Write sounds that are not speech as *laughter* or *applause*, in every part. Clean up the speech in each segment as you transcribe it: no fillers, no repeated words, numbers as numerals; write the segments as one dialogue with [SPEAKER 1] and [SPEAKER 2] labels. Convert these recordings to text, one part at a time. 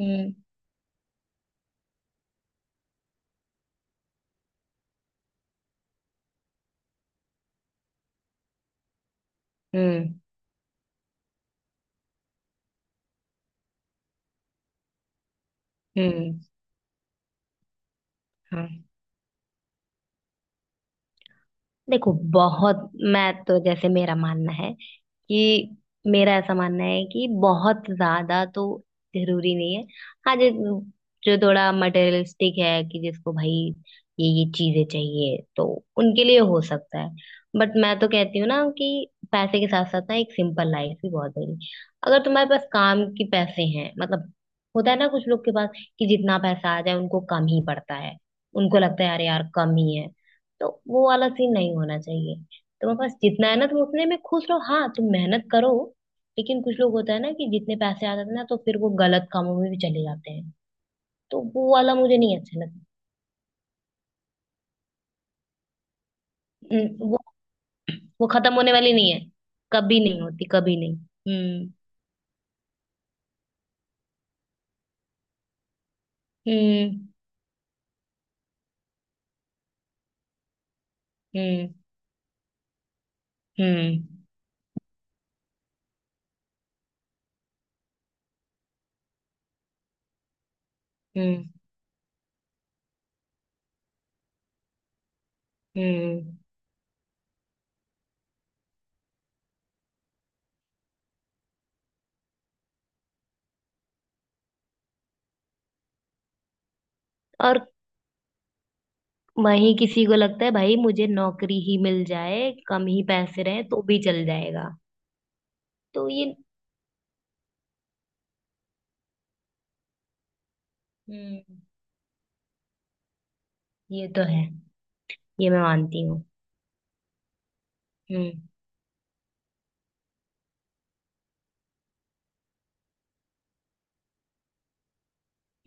[SPEAKER 1] हम्म। हम्म। हम्म। हाँ। देखो बहुत मैं तो जैसे कि मेरा ऐसा मानना है कि बहुत ज्यादा तो जरूरी नहीं है। हाँ। जो जो थोड़ा मटेरियलिस्टिक है कि जिसको भाई ये चीजें चाहिए तो उनके लिए हो सकता है। बट मैं तो कहती हूँ ना कि पैसे के साथ साथ ना एक सिंपल लाइफ भी बहुत जरूरी। अगर तुम्हारे पास काम के पैसे हैं मतलब होता है ना कुछ लोग के पास कि जितना पैसा आ जाए उनको कम ही पड़ता है। उनको लगता है यार यार कम ही है। तो वो वाला सीन नहीं होना चाहिए। तुम्हारे पास जितना है ना तुम उतने में खुश रहो। हाँ तुम मेहनत करो। लेकिन कुछ लोग होता है ना कि जितने पैसे आ जाते हैं ना तो फिर वो गलत कामों में भी चले जाते हैं। तो वो वाला मुझे नहीं अच्छा लगता। हम्म, वो वो खत्म होने वाली नहीं है। कभी नहीं होती कभी नहीं। हम्म। हम्म। हम्म। हम्म। हम्म। हम्म। और वही किसी को लगता है भाई मुझे नौकरी ही मिल जाए कम ही पैसे रहे तो भी चल जाएगा। तो ये। हम्म। ये तो है। ये मैं मानती हूँ। हम्म।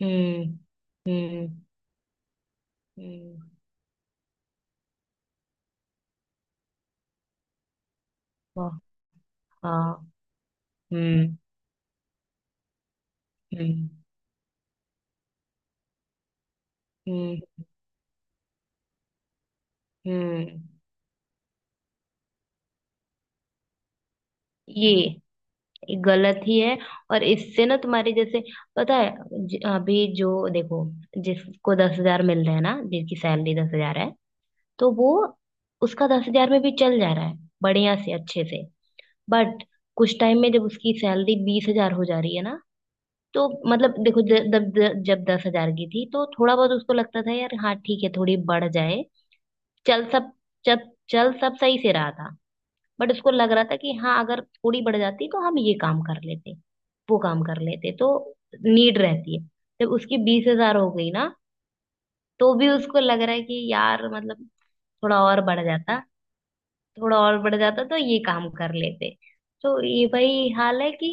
[SPEAKER 1] हम्म। हम्म। हम्म, वाह, हाँ। हम्म। हम्म। हम्म। हम्म। ये गलत ही है। और इससे ना तुम्हारे जैसे पता है अभी जो देखो जिसको 10,000 मिल रहे हैं ना जिसकी सैलरी 10,000 है। तो वो उसका 10,000 में भी चल जा रहा है बढ़िया से अच्छे से। बट कुछ टाइम में जब उसकी सैलरी 20,000 हो जा रही है ना तो मतलब देखो जब जब 10,000 की थी तो थोड़ा बहुत उसको लगता था यार हाँ ठीक है थोड़ी बढ़ जाए। चल सब जब चल सब सही से रहा था। बट उसको लग रहा था कि हाँ अगर थोड़ी बढ़ जाती तो हम ये काम कर लेते वो काम कर लेते तो नीड रहती है। जब उसकी 20,000 हो गई ना तो भी उसको लग रहा है कि यार मतलब थोड़ा और बढ़ जाता। थोड़ा और बढ़ जाता तो ये काम कर लेते। तो ये भाई हाल है कि।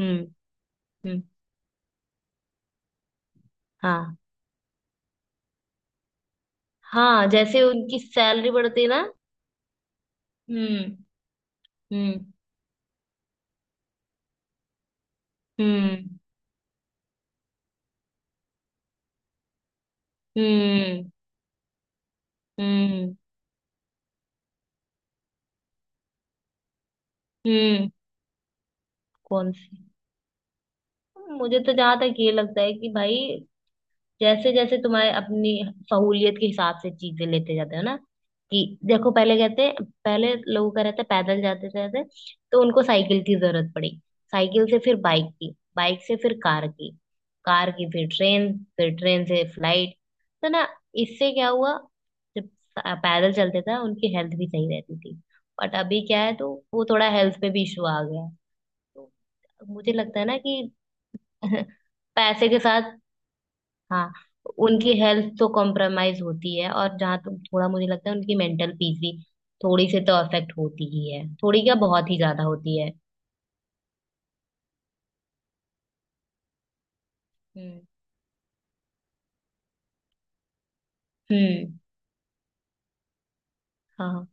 [SPEAKER 1] हम्म। हम्म। हाँ। हाँ जैसे उनकी सैलरी बढ़ती ना। हम्म। हम्म। हम्म। हम्म। हम्म। हम्म, कौन सी। मुझे तो जहां तक ये लगता है कि भाई जैसे जैसे तुम्हारे अपनी सहूलियत के हिसाब से चीजें लेते जाते हो ना कि देखो पहले कहते हैं पहले लोगों का रहता है पैदल जाते जाते। तो उनको साइकिल की जरूरत पड़ी। साइकिल से फिर बाइक की। बाइक से फिर कार की। कार की फिर ट्रेन। फिर ट्रेन से फ्लाइट। तो ना इससे क्या हुआ। जब पैदल चलते थे उनकी हेल्थ भी सही रहती थी। बट अभी क्या है तो वो थोड़ा हेल्थ पे भी इशू आ गया है। तो मुझे लगता है ना कि *laughs* पैसे के साथ। हाँ उनकी हेल्थ तो कॉम्प्रोमाइज होती है और जहाँ तो थोड़ा मुझे लगता है उनकी मेंटल पीस भी थोड़ी से तो अफेक्ट होती ही है। थोड़ी क्या बहुत ही ज्यादा होती है। हम्म। हम्म। हाँ।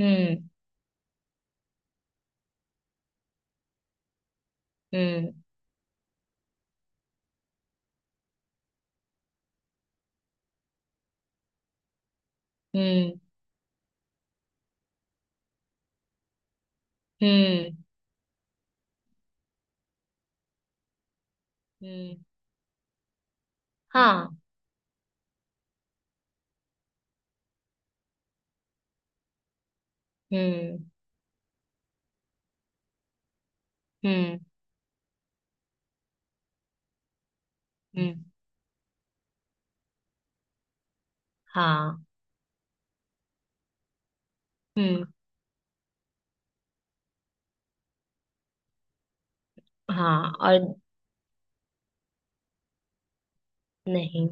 [SPEAKER 1] हम्म। हम्म। हम्म। हम्म। हम्म। हाँ। हम्म। हम्म। हम्म। हाँ। हम्म। हाँ और। नहीं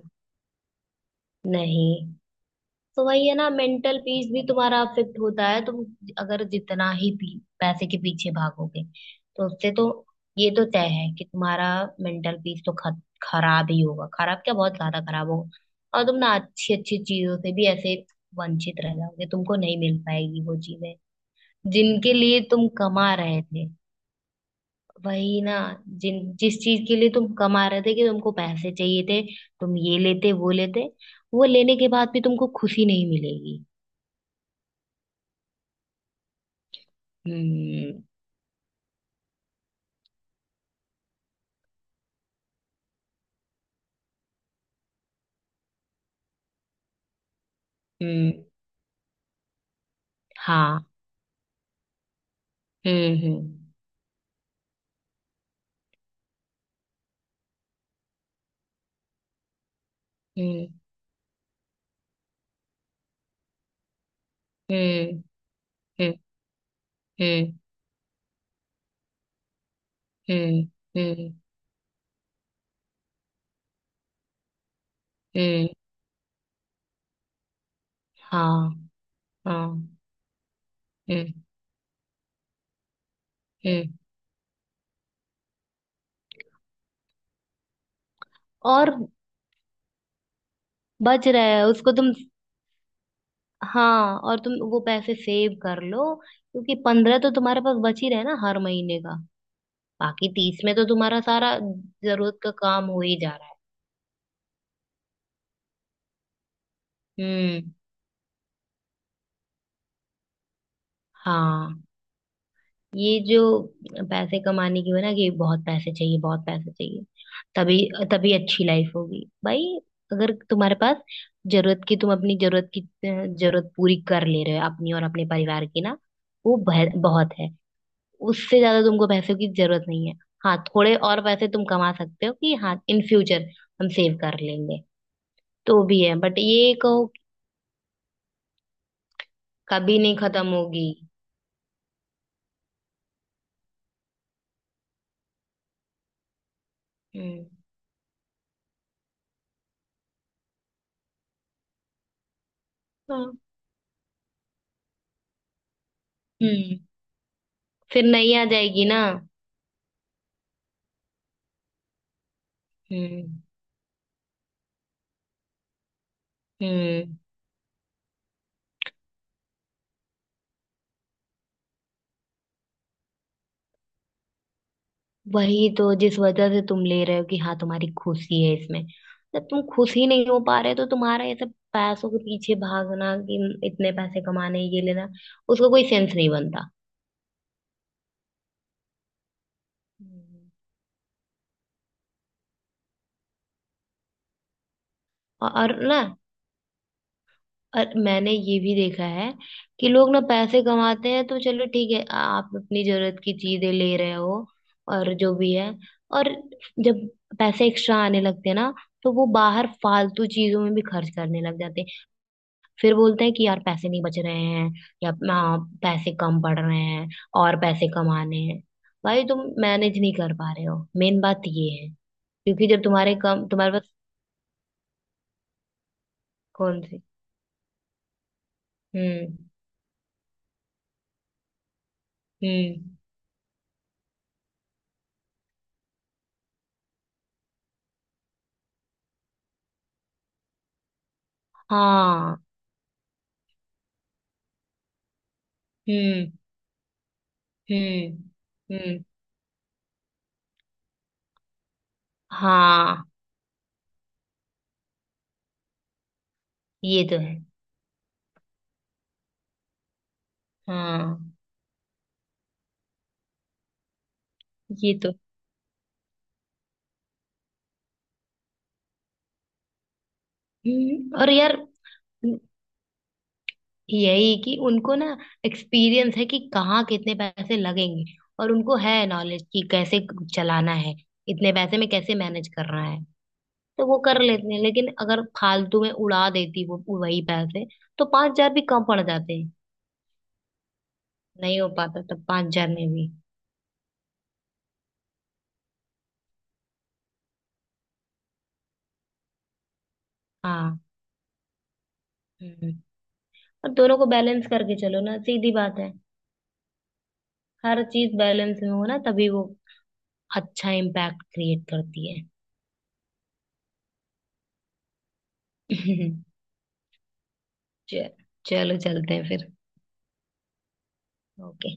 [SPEAKER 1] नहीं। तो वही है ना मेंटल पीस भी तुम्हारा अफेक्ट होता है। तुम अगर जितना ही पैसे के पीछे भागोगे तो उससे तो ये तो तय है कि तुम्हारा मेंटल पीस तो खराब ही होगा। खराब क्या बहुत ज्यादा खराब होगा। और तुम ना अच्छी अच्छी चीजों से भी ऐसे वंचित रह जाओगे। तुमको नहीं मिल पाएगी वो चीजें जिनके लिए तुम कमा रहे थे। वही ना जिन जिस चीज के लिए तुम कमा रहे थे कि तुमको पैसे चाहिए थे। तुम ये लेते वो लेने के बाद भी तुमको खुशी नहीं मिलेगी। 嗯嗯，好，嗯嗯嗯嗯嗯嗯嗯嗯，好，嗯嗯嗯，और बच रहा है उसको तुम। हाँ और तुम वो पैसे सेव कर लो क्योंकि 15 तो तुम्हारे पास बच ही रहे ना हर महीने का। बाकी 30 में तो तुम्हारा सारा जरूरत का काम हो ही जा रहा है। हम्म। हाँ। ये जो पैसे कमाने की वजह ना कि बहुत पैसे चाहिए तभी तभी अच्छी लाइफ होगी भाई। अगर तुम्हारे पास जरूरत की तुम अपनी जरूरत की जरूरत पूरी कर ले रहे हो अपनी और अपने परिवार की ना वो बहुत है। उससे ज्यादा तुमको पैसों की जरूरत नहीं है। हाँ थोड़े और पैसे तुम कमा सकते हो कि हाँ इन फ्यूचर हम सेव कर लेंगे। तो वो भी है बट ये कहो कि कभी नहीं खत्म होगी। हम्म। हाँ। हम्म। फिर नहीं आ जाएगी ना। हम्म। हम्म। वही तो जिस वजह से तुम ले रहे हो कि हाँ तुम्हारी खुशी है इसमें। जब तुम खुश ही नहीं हो पा रहे तो तुम्हारा ये सब पैसों के पीछे भागना कि इतने पैसे कमाने ये लेना उसका कोई सेंस नहीं बनता। हम्म, और ना। और मैंने ये भी देखा है कि लोग ना पैसे कमाते हैं तो चलो ठीक है आप अपनी जरूरत की चीजें ले रहे हो। और जो भी है और जब पैसे एक्स्ट्रा आने लगते हैं ना तो वो बाहर फालतू चीजों में भी खर्च करने लग जाते हैं। फिर बोलते हैं कि यार पैसे नहीं बच रहे हैं या पैसे कम पड़ रहे हैं और पैसे कमाने हैं। भाई तुम मैनेज नहीं कर पा रहे हो मेन बात ये है। क्योंकि जब तुम्हारे पास। कौन सी। हम्म। हम्म। हाँ। हम्म। हम्म। हम्म। हाँ। ये तो है। हाँ ये तो। और यार यही कि उनको ना एक्सपीरियंस है कि कहाँ कितने पैसे लगेंगे। और उनको है नॉलेज कि कैसे चलाना है इतने पैसे में कैसे मैनेज करना है। तो वो कर लेते हैं लेकिन अगर फालतू में उड़ा देती वो वही पैसे तो 5,000 भी कम पड़ जाते हैं। नहीं हो पाता तब 5,000 में भी। हाँ। हम्म। और दोनों को बैलेंस करके चलो ना सीधी बात है। हर चीज बैलेंस में हो ना तभी वो अच्छा इम्पैक्ट क्रिएट करती है। *laughs* च- चलो चलते हैं फिर। ओके।